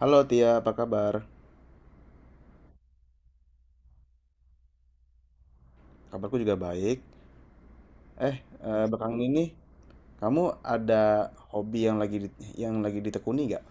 Halo Tia, apa kabar? Kabarku juga baik. Belakangan ini kamu ada hobi yang lagi yang lagi ditekuni nggak?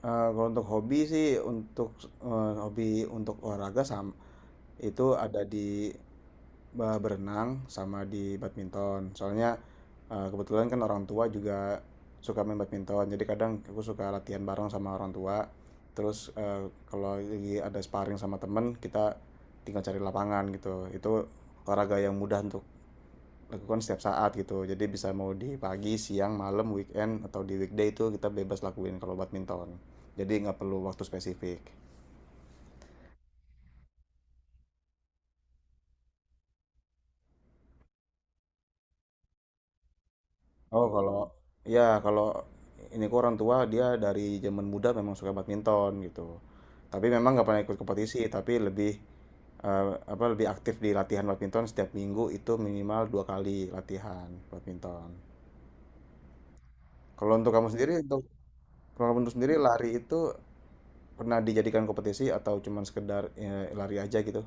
Kalau untuk hobi sih, untuk hobi untuk olahraga sama itu ada di berenang sama di badminton. Soalnya, kebetulan kan orang tua juga suka main badminton, jadi kadang aku suka latihan bareng sama orang tua. Terus, kalau lagi ada sparring sama temen, kita tinggal cari lapangan gitu. Itu olahraga yang mudah untuk lakukan setiap saat gitu. Jadi bisa mau di pagi, siang, malam, weekend, atau di weekday itu kita bebas lakuin kalau badminton. Jadi nggak perlu waktu spesifik. Oh kalau ya kalau ini kok orang tua dia dari zaman muda memang suka badminton gitu. Tapi memang nggak pernah ikut kompetisi, tapi lebih eh, apa lebih aktif di latihan badminton setiap minggu itu minimal dua kali latihan badminton. Kalau untuk kamu sendiri, untuk kalau kamu untuk sendiri lari itu pernah dijadikan kompetisi atau cuman sekedar lari aja gitu?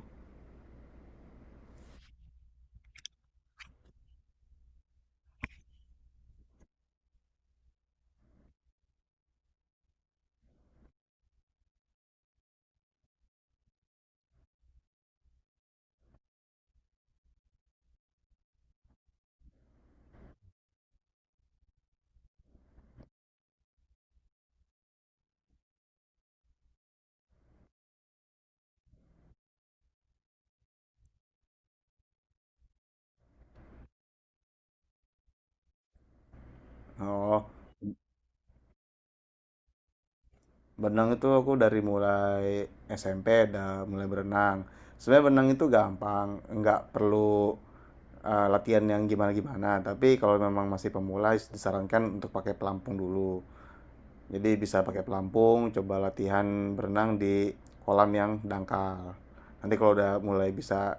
Oh, berenang itu aku dari mulai SMP udah mulai berenang. Sebenarnya berenang itu gampang, nggak perlu latihan yang gimana-gimana. Tapi kalau memang masih pemula disarankan untuk pakai pelampung dulu. Jadi bisa pakai pelampung, coba latihan berenang di kolam yang dangkal. Nanti kalau udah mulai bisa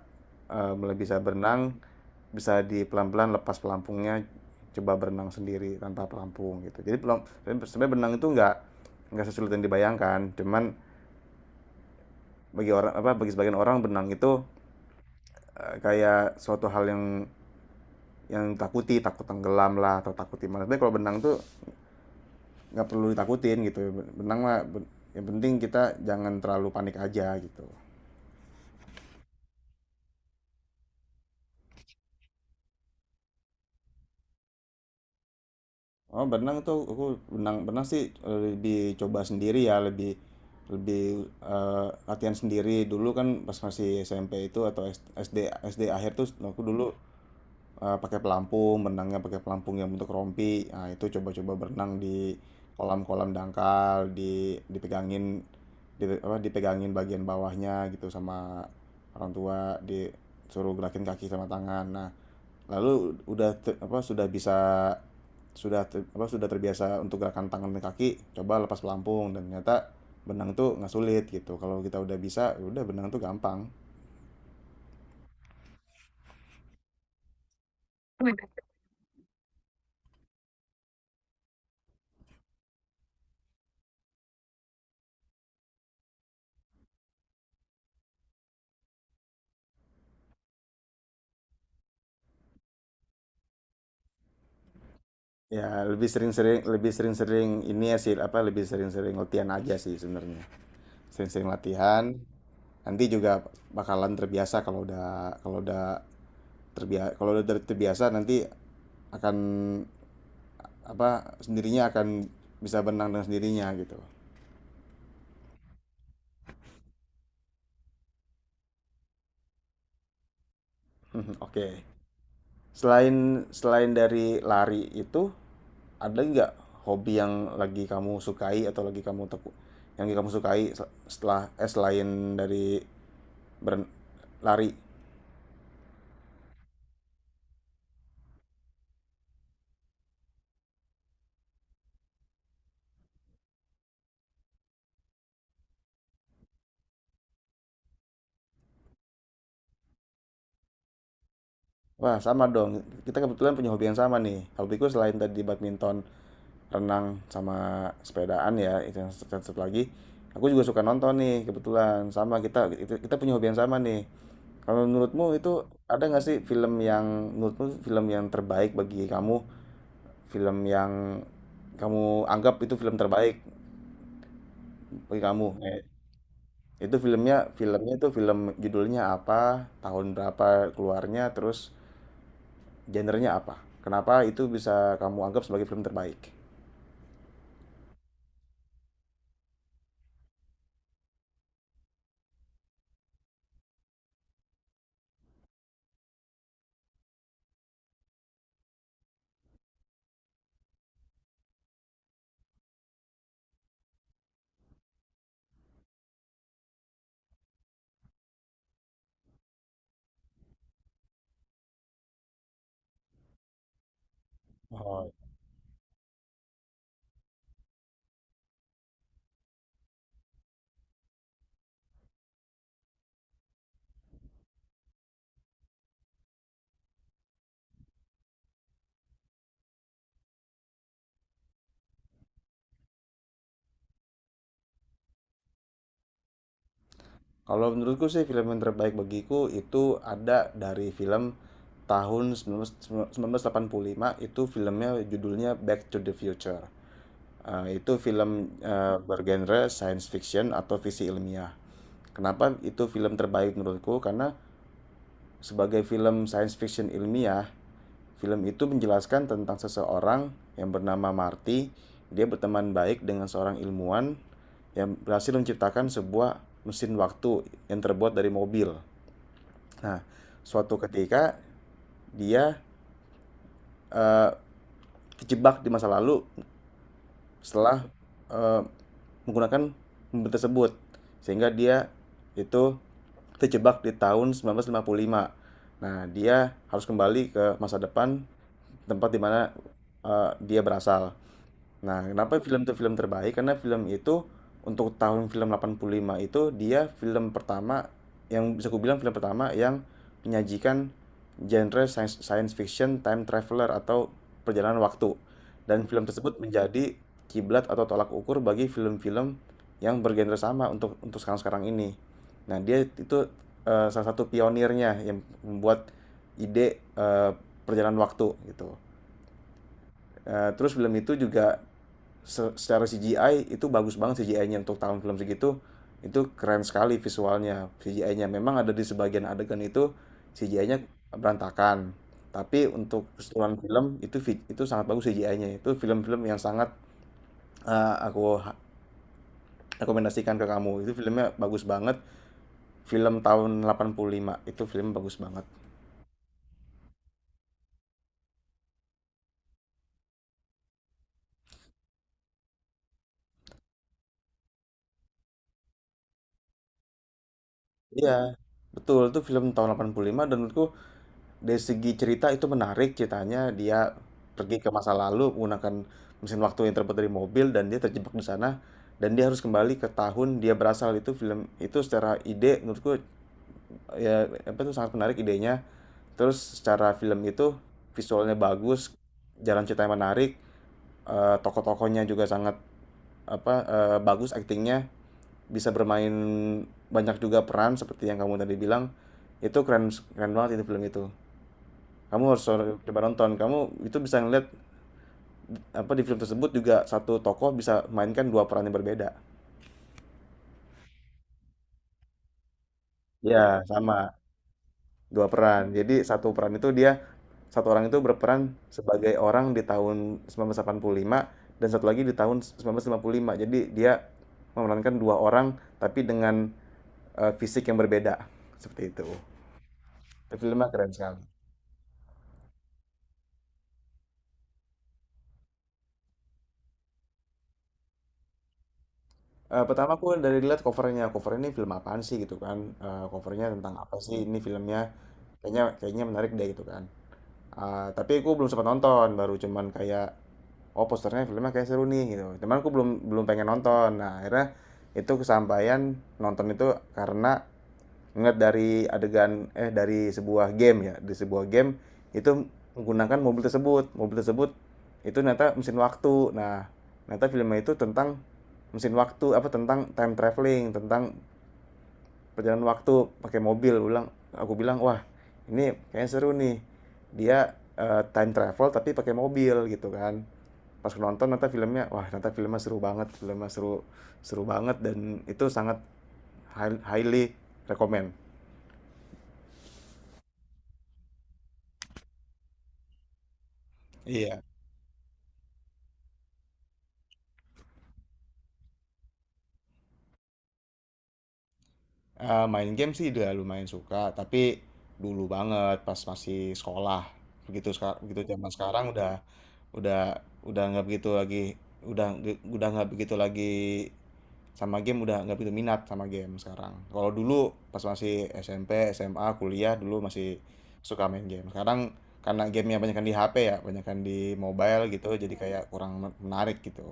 berenang, bisa di pelan-pelan lepas pelampungnya, coba berenang sendiri tanpa pelampung gitu. Jadi sebenarnya berenang itu nggak sesulit yang dibayangkan. Cuman bagi orang apa bagi sebagian orang berenang itu kayak suatu hal yang takut tenggelam lah atau takut gimana tapi kalau benang tuh nggak perlu ditakutin gitu benang mah yang penting kita jangan terlalu panik aja gitu oh benang tuh aku benang benang sih lebih coba sendiri ya lebih lebih latihan sendiri dulu kan pas masih SMP itu atau SD SD akhir tuh aku dulu pakai pelampung, berenangnya pakai pelampung yang bentuk rompi. Nah, itu coba-coba berenang di kolam-kolam dangkal, dipegangin dipegangin bagian bawahnya gitu sama orang tua, disuruh gerakin kaki sama tangan. Nah, lalu sudah bisa sudah terbiasa untuk gerakan tangan dan kaki, coba lepas pelampung dan ternyata berenang tuh nggak sulit gitu. Kalau kita udah bisa, ya udah berenang tuh gampang. Ya, lebih sering-sering ini ya sih apa lebih sering-sering latihan aja sih sebenarnya. Sering-sering latihan. Nanti juga bakalan terbiasa kalau udah terbiasa terbiasa nanti akan apa sendirinya akan bisa berenang dengan sendirinya gitu. Mhm, oke. Selain Selain dari lari itu ada nggak hobi yang lagi kamu sukai atau yang lagi kamu sukai setelah selain dari beren- lari? Wah, sama dong. Kita kebetulan punya hobi yang sama nih. Hobiku selain tadi badminton, renang, sama sepedaan ya, itu yang satu satu lagi. Aku juga suka nonton nih, kebetulan. Sama kita kita punya hobi yang sama nih. Kalau menurutmu itu ada nggak sih film yang menurutmu film yang terbaik bagi kamu? Film yang kamu anggap itu film terbaik bagi kamu? Itu filmnya, filmnya itu film judulnya apa, tahun berapa keluarnya, terus genrenya apa? Kenapa itu bisa kamu anggap sebagai film terbaik? Oh, kalau menurutku sih film yang terbaik bagiku itu ada dari film tahun 1985 itu filmnya judulnya Back to the Future. Itu film bergenre science fiction atau fiksi ilmiah. Kenapa itu film terbaik menurutku? Karena sebagai film science fiction ilmiah, film itu menjelaskan tentang seseorang yang bernama Marty. Dia berteman baik dengan seorang ilmuwan yang berhasil menciptakan sebuah mesin waktu yang terbuat dari mobil. Nah, suatu ketika dia eh, terjebak di masa lalu setelah eh, menggunakan mobil tersebut sehingga dia itu terjebak di tahun 1955. Nah, dia harus kembali ke masa depan tempat di mana dia berasal. Nah, kenapa film itu film terbaik? Karena film itu untuk tahun film 85 itu dia film pertama yang bisa kubilang film pertama yang menyajikan genre science fiction time traveler atau perjalanan waktu. Dan film tersebut menjadi kiblat atau tolak ukur bagi film-film yang bergenre sama untuk sekarang-sekarang ini. Nah, dia itu salah satu pionirnya yang membuat ide perjalanan waktu gitu. Terus film itu juga secara CGI itu bagus banget, CGI-nya untuk tahun film segitu itu keren sekali visualnya. CGI-nya memang ada di sebagian adegan itu CGI-nya berantakan, tapi untuk keseluruhan film itu sangat bagus CGI-nya. Itu film-film yang sangat aku rekomendasikan ke kamu, itu filmnya bagus banget, film tahun 85 itu film bagus banget. Iya betul, itu film tahun 85 dan menurutku dari segi cerita itu menarik ceritanya, dia pergi ke masa lalu menggunakan mesin waktu yang terbuat dari mobil dan dia terjebak di sana dan dia harus kembali ke tahun dia berasal. Itu film itu secara ide menurutku ya apa itu sangat menarik idenya, terus secara film itu visualnya bagus, jalan ceritanya menarik, tokoh-tokohnya juga sangat bagus aktingnya, bisa bermain banyak juga peran seperti yang kamu tadi bilang. Itu keren keren banget itu film itu, kamu harus coba nonton. Kamu itu bisa ngeliat apa di film tersebut juga satu tokoh bisa mainkan dua peran yang berbeda, ya sama, dua peran jadi satu peran itu dia, satu orang itu berperan sebagai orang di tahun 1985 dan satu lagi di tahun 1955. Jadi dia memerankan dua orang tapi dengan fisik yang berbeda seperti itu. Tapi filmnya keren sekali. Pertama aku dari lihat covernya, cover ini film apaan sih gitu kan? Covernya tentang apa sih ini filmnya? Kayaknya kayaknya menarik deh gitu kan. Ah, tapi aku belum sempat nonton, baru cuman kayak oh posternya filmnya kayak seru nih gitu. Cuman aku belum belum pengen nonton. Nah, akhirnya itu kesampaian nonton itu karena ngeliat dari adegan dari sebuah game ya, di sebuah game itu menggunakan mobil tersebut. Mobil tersebut itu ternyata mesin waktu. Nah, ternyata filmnya itu tentang mesin waktu apa tentang time traveling, tentang perjalanan waktu pakai mobil ulang, aku bilang wah ini kayaknya seru nih, dia time travel tapi pakai mobil gitu kan. Pas nonton nonton filmnya wah nonton filmnya seru banget, filmnya seru seru banget dan itu sangat highly recommend. Iya. Main game sih udah lumayan suka tapi dulu banget pas masih sekolah, begitu sekarang begitu zaman sekarang Udah nggak begitu lagi, udah nggak begitu lagi sama game, udah nggak begitu minat sama game sekarang. Kalau dulu pas masih SMP, SMA, kuliah dulu masih suka main game. Sekarang karena gamenya banyakan di HP ya, banyakan di mobile gitu, jadi kayak kurang menarik gitu.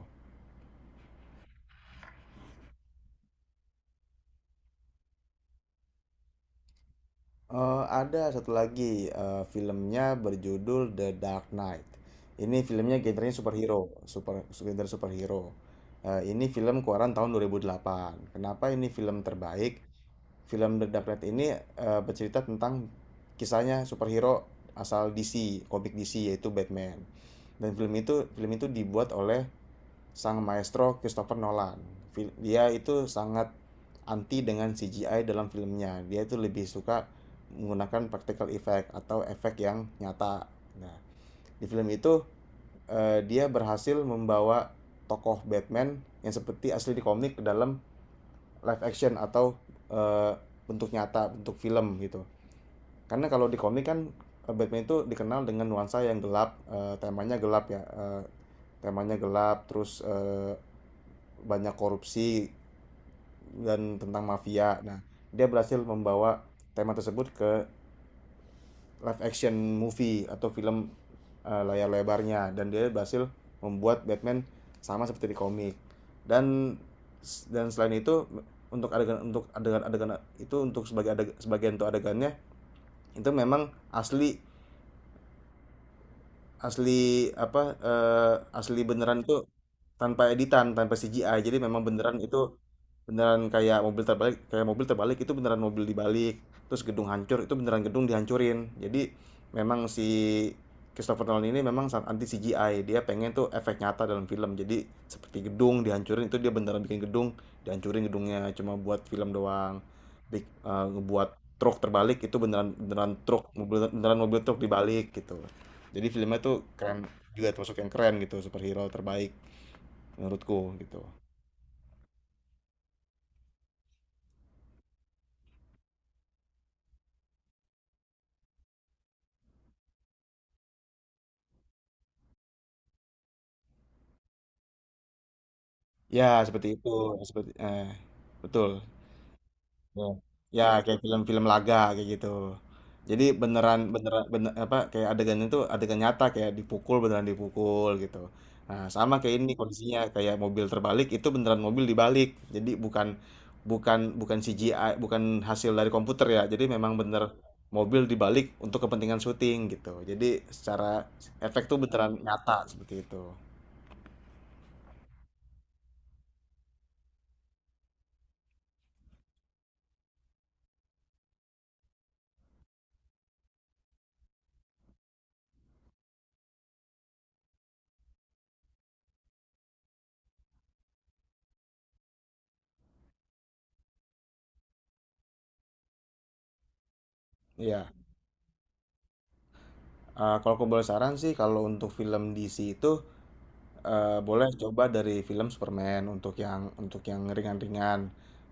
Ada satu lagi, filmnya berjudul The Dark Knight. Ini filmnya genrenya superhero, super genre superhero. Ini film keluaran tahun 2008. Kenapa ini film terbaik? Film The Dark Knight ini bercerita tentang kisahnya superhero asal DC, komik DC yaitu Batman. Dan film itu dibuat oleh sang maestro Christopher Nolan. Dia itu sangat anti dengan CGI dalam filmnya. Dia itu lebih suka menggunakan practical effect atau efek yang nyata. Nah, di film itu dia berhasil membawa tokoh Batman yang seperti asli di komik ke dalam live action atau eh, bentuk nyata, bentuk film gitu. Karena kalau di komik kan Batman itu dikenal dengan nuansa yang gelap, temanya gelap ya, temanya gelap, terus banyak korupsi dan tentang mafia. Nah, dia berhasil membawa tema tersebut live action movie atau film layar lebarnya dan dia berhasil membuat Batman sama seperti di komik. dan dan selain itu untuk adegan adegan itu sebagian untuk adegannya itu memang asli, asli beneran itu tanpa editan tanpa CGI, jadi memang beneran itu beneran, kayak mobil terbalik, kayak mobil terbalik itu beneran mobil dibalik, terus gedung hancur itu beneran gedung dihancurin. Jadi memang si Christopher Nolan ini memang sangat anti CGI, dia pengen tuh efek nyata dalam film, jadi seperti gedung dihancurin itu dia beneran bikin gedung dihancurin, gedungnya cuma buat film doang. Ngebuat truk terbalik itu beneran, beneran truk, mobil beneran, mobil truk dibalik gitu. Jadi filmnya tuh keren, juga termasuk yang keren gitu, superhero terbaik menurutku gitu. Ya, seperti itu, seperti betul. Ya. Ya, kayak film-film laga kayak gitu. Jadi beneran beneran bener, apa kayak adegannya tuh adegan nyata, kayak dipukul beneran dipukul gitu. Nah, sama kayak ini kondisinya, kayak mobil terbalik itu beneran mobil dibalik. Jadi bukan, bukan CGI, bukan hasil dari komputer ya. Jadi memang bener mobil dibalik untuk kepentingan syuting gitu. Jadi secara efek tuh beneran nyata seperti itu. Iya. Kalau aku boleh saran sih kalau untuk film DC itu, boleh coba dari film Superman untuk yang ringan-ringan.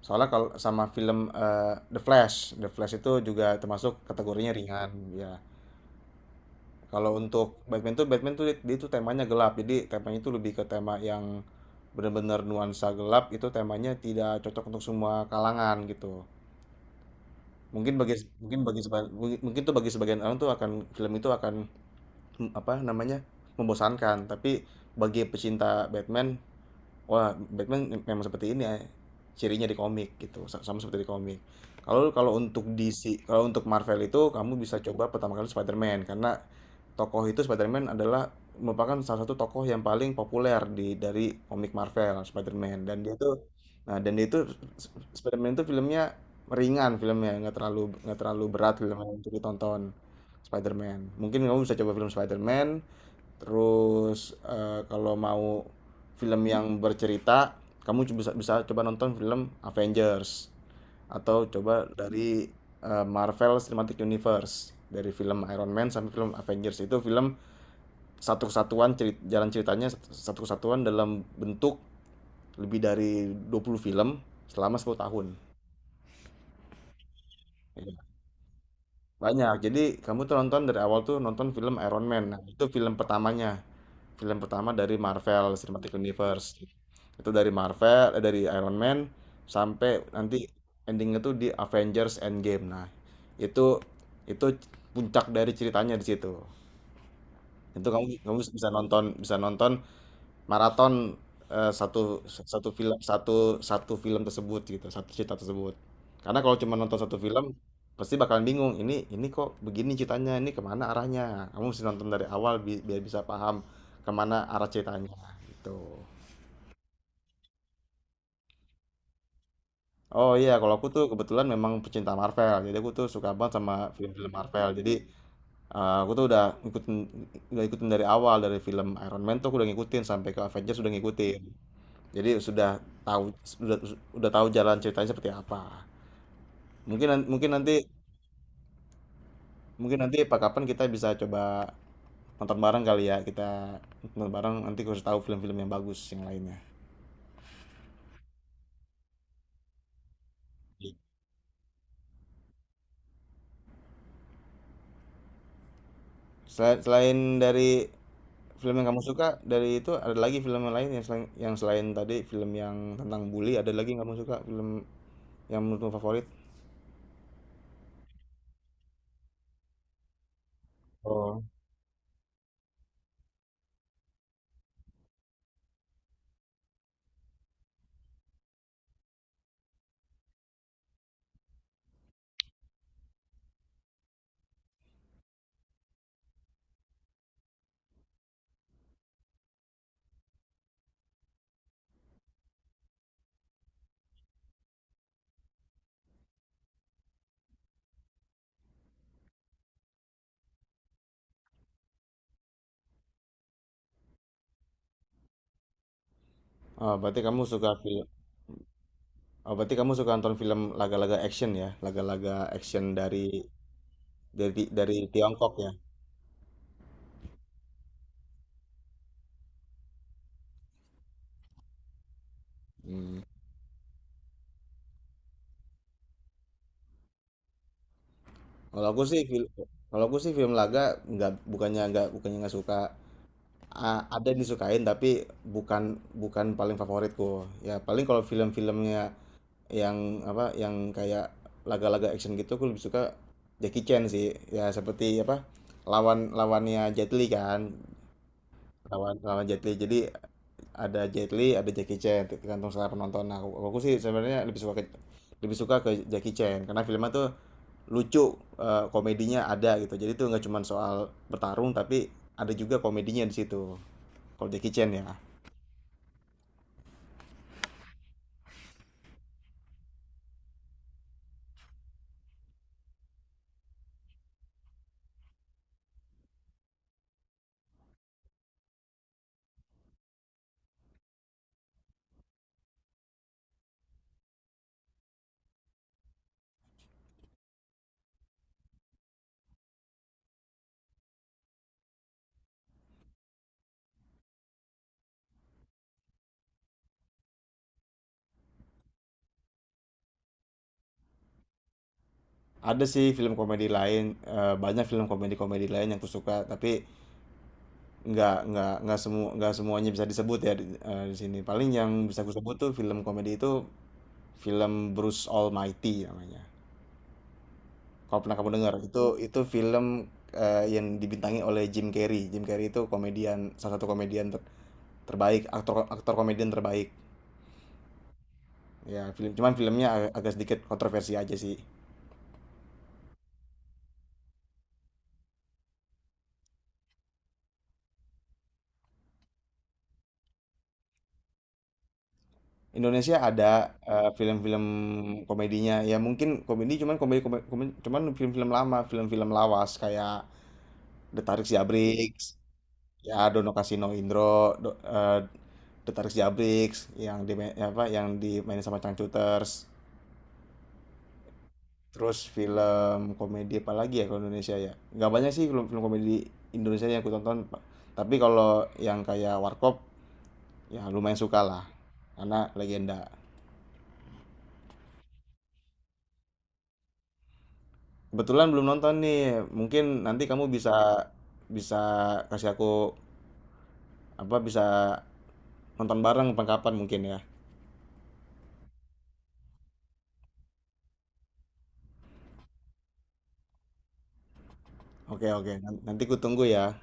Soalnya kalau sama film, The Flash. The Flash itu juga termasuk kategorinya ringan, ya. Kalau untuk Batman tuh dia tuh temanya gelap, jadi temanya itu lebih ke tema yang benar-benar nuansa gelap, itu temanya tidak cocok untuk semua kalangan gitu. Mungkin bagi mungkin bagi seba mungkin tuh bagi sebagian orang tuh akan film itu akan apa namanya, membosankan. Tapi bagi pecinta Batman, wah, Batman memang seperti ini, ya, cirinya di komik gitu, sama seperti di komik. Kalau kalau untuk DC, kalau untuk Marvel itu kamu bisa coba pertama kali Spider-Man karena tokoh itu Spider-Man adalah merupakan salah satu tokoh yang paling populer di dari komik Marvel. Spider-Man, dan dia itu Spider-Man itu filmnya ringan, filmnya nggak terlalu, nggak terlalu berat filmnya untuk ditonton. Spider-Man, mungkin kamu bisa coba film Spider-Man. Terus kalau mau film yang bercerita, kamu bisa bisa coba nonton film Avengers, atau coba dari Marvel Cinematic Universe, dari film Iron Man sampai film Avengers. Itu film satu kesatuan, jalan ceritanya satu satu kesatuan dalam bentuk lebih dari 20 film selama 10 tahun. Iya. Banyak. Jadi kamu tuh nonton dari awal tuh nonton film Iron Man. Nah, itu film pertamanya. Film pertama dari Marvel Cinematic Universe. Itu dari Marvel, dari Iron Man sampai nanti endingnya tuh di Avengers Endgame. Nah, itu itu puncak dari ceritanya di situ. Itu kamu kamu bisa nonton, bisa nonton maraton, eh, satu satu satu film tersebut gitu, satu cerita tersebut, karena kalau cuma nonton satu film pasti bakalan bingung, ini kok begini ceritanya, ini kemana arahnya. Kamu mesti nonton dari awal biar bisa paham kemana arah ceritanya gitu. Oh iya, kalau aku tuh kebetulan memang pecinta Marvel, jadi aku tuh suka banget sama film-film Marvel. Jadi aku tuh udah ngikutin, udah ikutin dari awal, dari film Iron Man tuh aku udah ngikutin sampai ke Avengers, udah ngikutin. Jadi sudah tahu, sudah sudah tahu jalan ceritanya seperti apa. Mungkin nan mungkin nanti mungkin nanti kapan kita bisa coba nonton bareng kali ya, kita nonton bareng nanti kasih tahu film-film yang bagus yang lainnya. Selain dari film yang kamu suka, dari itu ada lagi film yang lain yang selain, yang selain tadi film yang tentang bully, ada lagi yang kamu suka, film yang menurutmu favorit? Oh. Oh, berarti kamu suka nonton film laga-laga action ya, laga-laga action dari dari Tiongkok ya? Hmm. Kalau aku sih film, kalau aku sih film laga, nggak bukannya nggak bukannya nggak suka, ada yang disukain, tapi bukan, bukan paling favoritku. Ya paling kalau film-filmnya yang yang kayak laga-laga action gitu aku lebih suka Jackie Chan sih. Ya seperti apa, lawannya Jet Li kan, lawan lawan Jet Li. Jadi ada Jet Li, ada Jackie Chan tergantung selera penonton. Nah, aku sih sebenarnya lebih suka ke Jackie Chan, karena filmnya tuh lucu, komedinya ada gitu, jadi tuh nggak cuma soal bertarung tapi ada juga komedinya di situ kalau Jackie Chan ya. Ada sih film komedi lain, banyak film komedi-komedi lain yang aku suka, tapi nggak semuanya bisa disebut ya di, di sini paling yang bisa aku sebut tuh film komedi itu film Bruce Almighty namanya, kalau pernah kamu dengar. Itu film yang dibintangi oleh Jim Carrey. Jim Carrey itu komedian, salah satu komedian terbaik, aktor, aktor komedian terbaik. Ya, film cuman filmnya agak sedikit kontroversi aja sih. Indonesia ada, film-film komedinya, ya mungkin komedi, cuman komedi kome komen cuman film-film lama, film-film lawas kayak Detarik Siabrix, ya Dono Kasino Indro, do eee, Detarik Siabrix yang di, ya, apa, yang dimainin sama Changcuters. Terus film komedi apa lagi ya kalau Indonesia ya? Nggak banyak sih film-film komedi Indonesia yang aku tonton, tapi kalau yang kayak Warkop, ya lumayan suka lah karena legenda. Kebetulan belum nonton nih, mungkin nanti kamu bisa, bisa kasih aku, bisa nonton bareng pengkapan mungkin ya. Oke oke nanti ku tunggu ya.